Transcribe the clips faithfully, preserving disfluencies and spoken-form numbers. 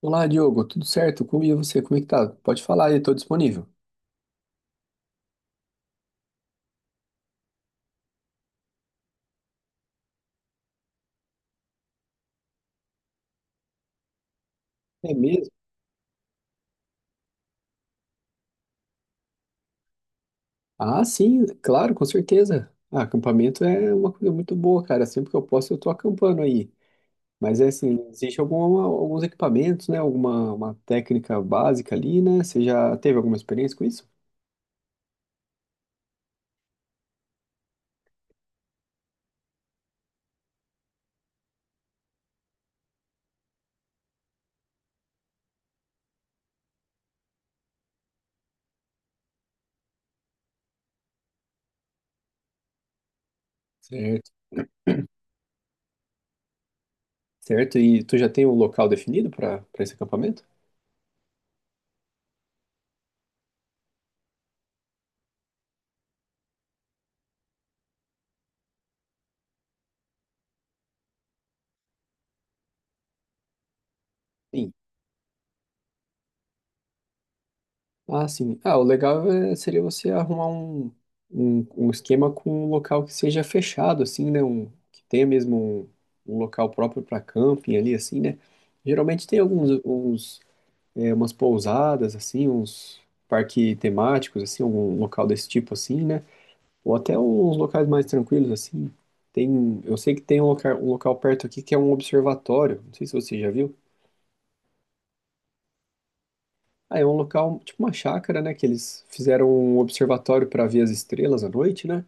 Olá, Diogo, tudo certo? Como e você? Como é que tá? Pode falar, aí, estou disponível. É mesmo? Ah, sim, claro, com certeza. Ah, acampamento é uma coisa muito boa, cara. Sempre que eu posso, eu tô acampando aí. Mas é assim, existe alguma, alguns equipamentos, né? Alguma uma técnica básica ali, né? Você já teve alguma experiência com isso? Certo. Certo, e tu já tem um local definido para para esse acampamento? Sim. Ah, sim. Ah, o legal é- seria você arrumar um, um, um esquema com um local que seja fechado, assim, né? Um, que tenha mesmo um, um local próprio para camping ali, assim, né? Geralmente tem alguns, uns, é, umas pousadas, assim, uns parques temáticos, assim, algum local desse tipo, assim, né? Ou até uns locais mais tranquilos, assim. Tem, eu sei que tem um local, um local perto aqui que é um observatório. Não sei se você já viu. Ah, é um local, tipo uma chácara, né? Que eles fizeram um observatório para ver as estrelas à noite, né?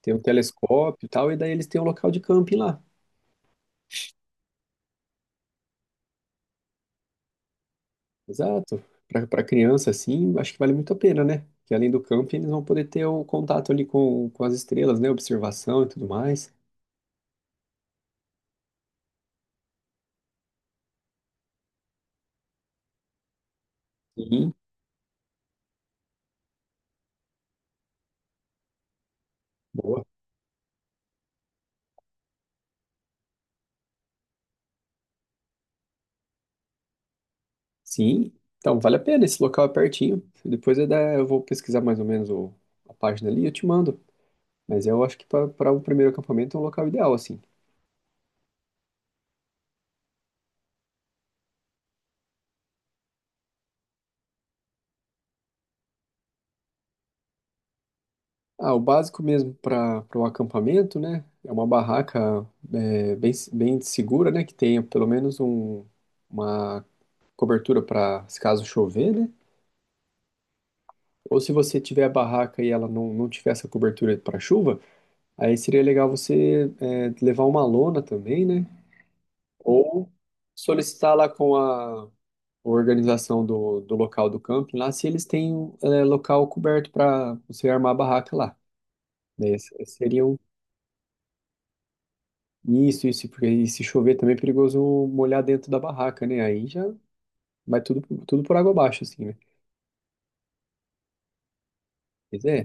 Tem um telescópio e tal, e daí eles têm um local de camping lá. Exato. Para para criança, assim, acho que vale muito a pena, né? Que além do camping, eles vão poder ter o contato ali com, com as estrelas, né? Observação e tudo mais. Sim, boa. Sim, então vale a pena. Esse local é pertinho. Depois eu, dá- eu vou pesquisar mais ou menos o- a página ali e eu te mando. Mas eu acho que para o primeiro acampamento é um local ideal, assim. Ah, o básico mesmo para o acampamento, né? É uma barraca é, bem, bem segura, né? Que tenha pelo menos um, uma cobertura para se caso chover, né? Ou se você tiver a barraca e ela não, não tiver essa cobertura para chuva, aí seria legal você é, levar uma lona também, né? Ou solicitar lá com a organização do, do local do camping lá se eles têm é, local coberto para você armar a barraca lá. Né? Esse seria um. Isso, isso, porque aí se chover também é perigoso molhar dentro da barraca, né? Aí já vai tudo, tudo por água abaixo, assim, né? Pois é,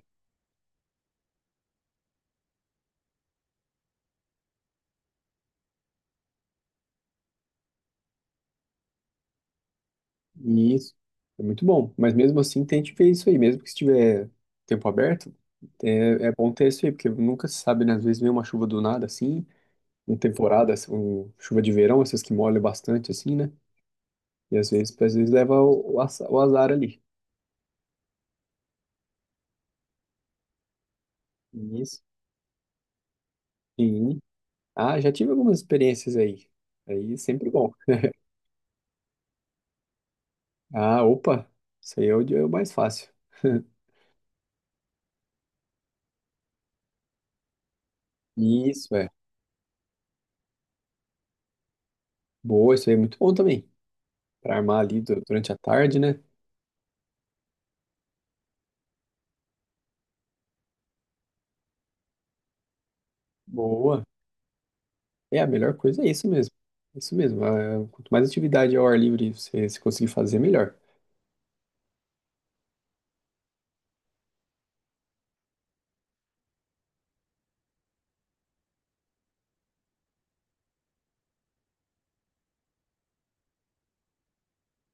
e isso é muito bom. Mas mesmo assim tente ver isso aí, mesmo que estiver tempo aberto, é, é bom ter isso aí, porque nunca se sabe, né? Às vezes vem uma chuva do nada, assim, uma temporada, assim, um, chuva de verão, essas que molham bastante, assim, né? E às vezes, às vezes leva o, o aza- o azar ali. Isso. Sim. Ah, já tive algumas experiências aí. Aí é sempre bom. Ah, opa, isso aí é o, de- é o mais fácil. Isso, é. Boa, isso aí é muito bom também. Para armar ali du- durante a tarde, né? Boa. É, a melhor coisa é isso mesmo. Isso mesmo. Ah, quanto mais atividade ao ar livre você, você conseguir fazer, melhor.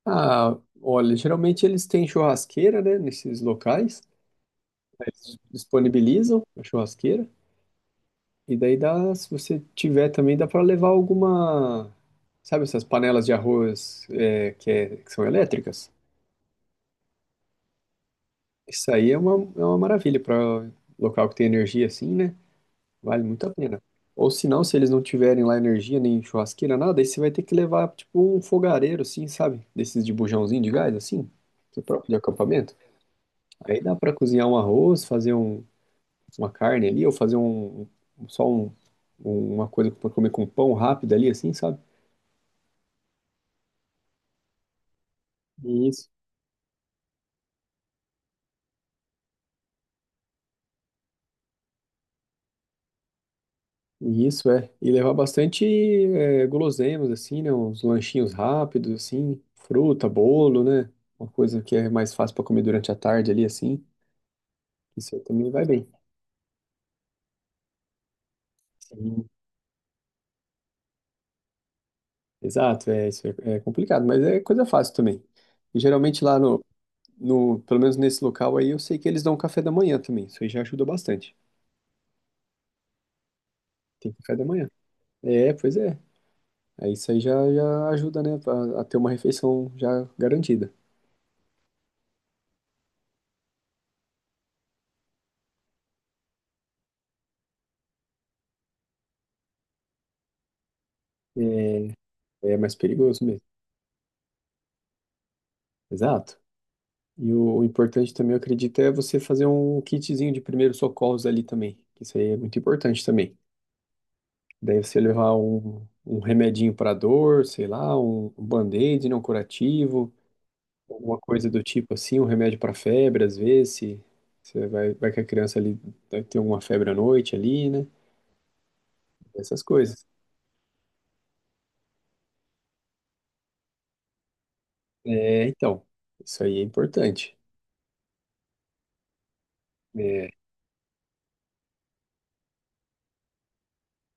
Ah, olha, geralmente eles têm churrasqueira, né? Nesses locais. Eles disponibilizam a churrasqueira. E daí dá, se você tiver também, dá para levar alguma. Sabe essas panelas de arroz é, que, é- que são elétricas? Isso aí é uma, é uma maravilha para local que tem energia assim, né? Vale muito a pena. Ou se não, se eles não tiverem lá energia, nem churrasqueira, nada, aí você vai ter que levar, tipo, um fogareiro, assim, sabe? Desses de bujãozinho de gás, assim, que é próprio de acampamento. Aí dá para cozinhar um arroz, fazer um, uma carne ali, ou fazer um, um, só um, um, uma coisa para comer com um pão rápido ali, assim, sabe? Isso. Isso, é. E levar bastante é, guloseimas, assim, né? Uns lanchinhos rápidos, assim, fruta, bolo, né? Uma coisa que é mais fácil para comer durante a tarde ali, assim. Isso aí também vai bem. Sim. Exato, é, isso é, é complicado, mas é coisa fácil também. E geralmente lá no, no, pelo menos nesse local aí, eu sei que eles dão café da manhã também. Isso aí já ajuda bastante. Tem café da manhã. É, pois é. Aí isso aí já, já ajuda, né? A, a ter uma refeição já garantida. É, é mais perigoso mesmo. Exato. E o, o importante também, eu acredito, é você fazer um kitzinho de primeiros socorros ali também. Isso aí é muito importante também. Daí você levar um, um remedinho para dor, sei lá, um, um band-aid não curativo, alguma coisa do tipo assim, um remédio para febre, às vezes, se você vai, vai que a criança ali vai ter alguma febre à noite ali, né? Essas coisas. É, então, isso aí é importante. É,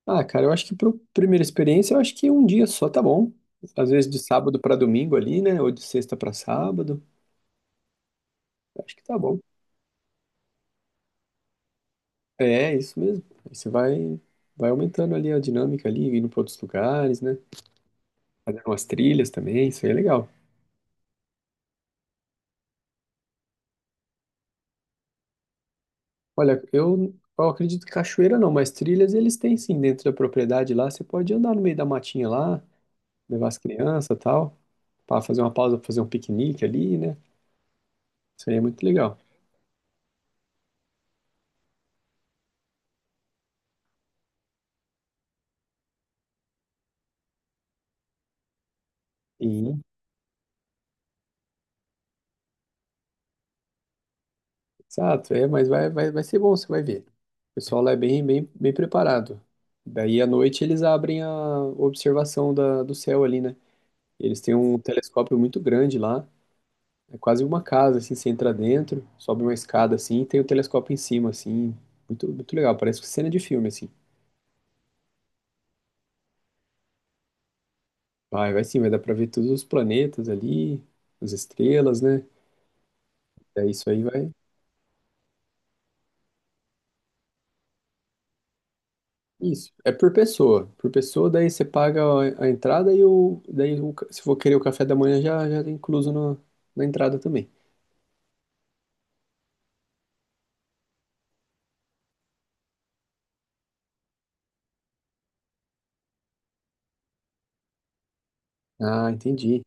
ah, cara, eu acho que para primeira experiência, eu acho que um dia só tá bom. Às vezes de sábado para domingo ali, né? Ou de sexta para sábado. Acho que tá bom. É, isso mesmo. Aí você vai, vai aumentando ali a dinâmica ali, indo para outros lugares, né? Fazendo umas trilhas também, isso aí é legal. Olha, eu, eu acredito que cachoeira não, mas trilhas eles têm sim dentro da propriedade lá. Você pode andar no meio da matinha lá, levar as crianças e tal, para fazer uma pausa, pra fazer um piquenique ali, né? Isso aí é muito legal. E exato, é, mas vai, vai, vai ser bom, você vai ver. O pessoal lá é bem, bem, bem preparado. Daí à noite eles abrem a observação da, do céu ali, né? Eles têm um telescópio muito grande lá, é quase uma casa, assim, você entra dentro, sobe uma escada assim, e tem o telescópio em cima, assim, muito, muito legal, parece cena de filme, assim. Vai, vai sim, vai dar pra ver todos os planetas ali, as estrelas, né? Daí isso aí vai. Isso, é por pessoa. Por pessoa, daí você paga a a entrada e o, daí o, ca- se for querer o café da manhã já, já tá incluso no, na entrada também. Ah, entendi.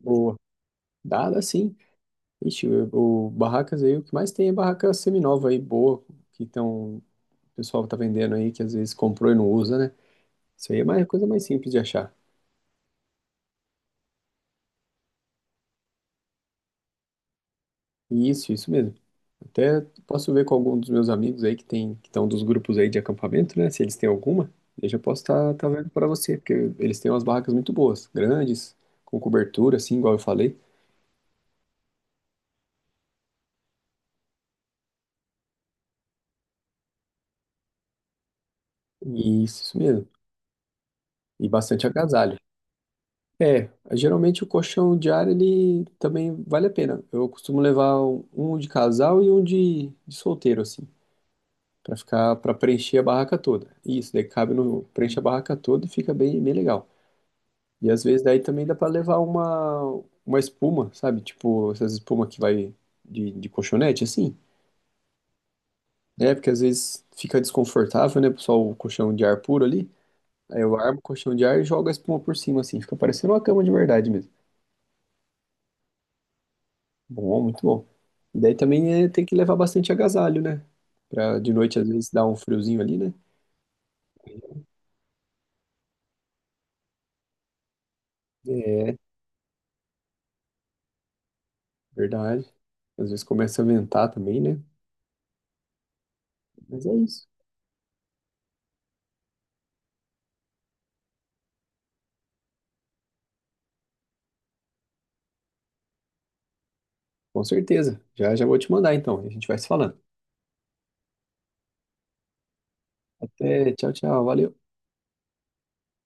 Boa. Dá, dá sim. Ixi, o, o barracas aí, o que mais tem é barraca seminova aí, boa, que tão, o pessoal tá vendendo aí, que às vezes comprou e não usa, né? Isso aí é mais, coisa mais simples de achar. Isso, isso mesmo. Até posso ver com algum dos meus amigos aí que tem, que estão dos grupos aí de acampamento, né? Se eles têm alguma, eu já posso estar tá, tá vendo para você, porque eles têm umas barracas muito boas, grandes, com cobertura, assim, igual eu falei. Isso, isso mesmo. E bastante agasalho. É, geralmente o colchão diário, ele também vale a pena. Eu costumo levar um um de casal e um de, de solteiro, assim, para ficar, para preencher a barraca toda. Isso, daí cabe no, preenche a barraca toda e fica bem, bem legal. E às vezes daí também dá pra levar uma, uma espuma, sabe? Tipo, essas espumas que vai de, de colchonete, assim. É, porque às vezes fica desconfortável, né? Só o colchão de ar puro ali. Aí eu armo o colchão de ar e jogo a espuma por cima, assim. Fica parecendo uma cama de verdade mesmo. Bom, muito bom. E daí também é, tem que levar bastante agasalho, né? Pra de noite às vezes dar um friozinho ali, né? É verdade. Às vezes começa a ventar também, né? Mas é isso. Com certeza. Já já vou te mandar então. A gente vai se falando. Até. Tchau, tchau. Valeu.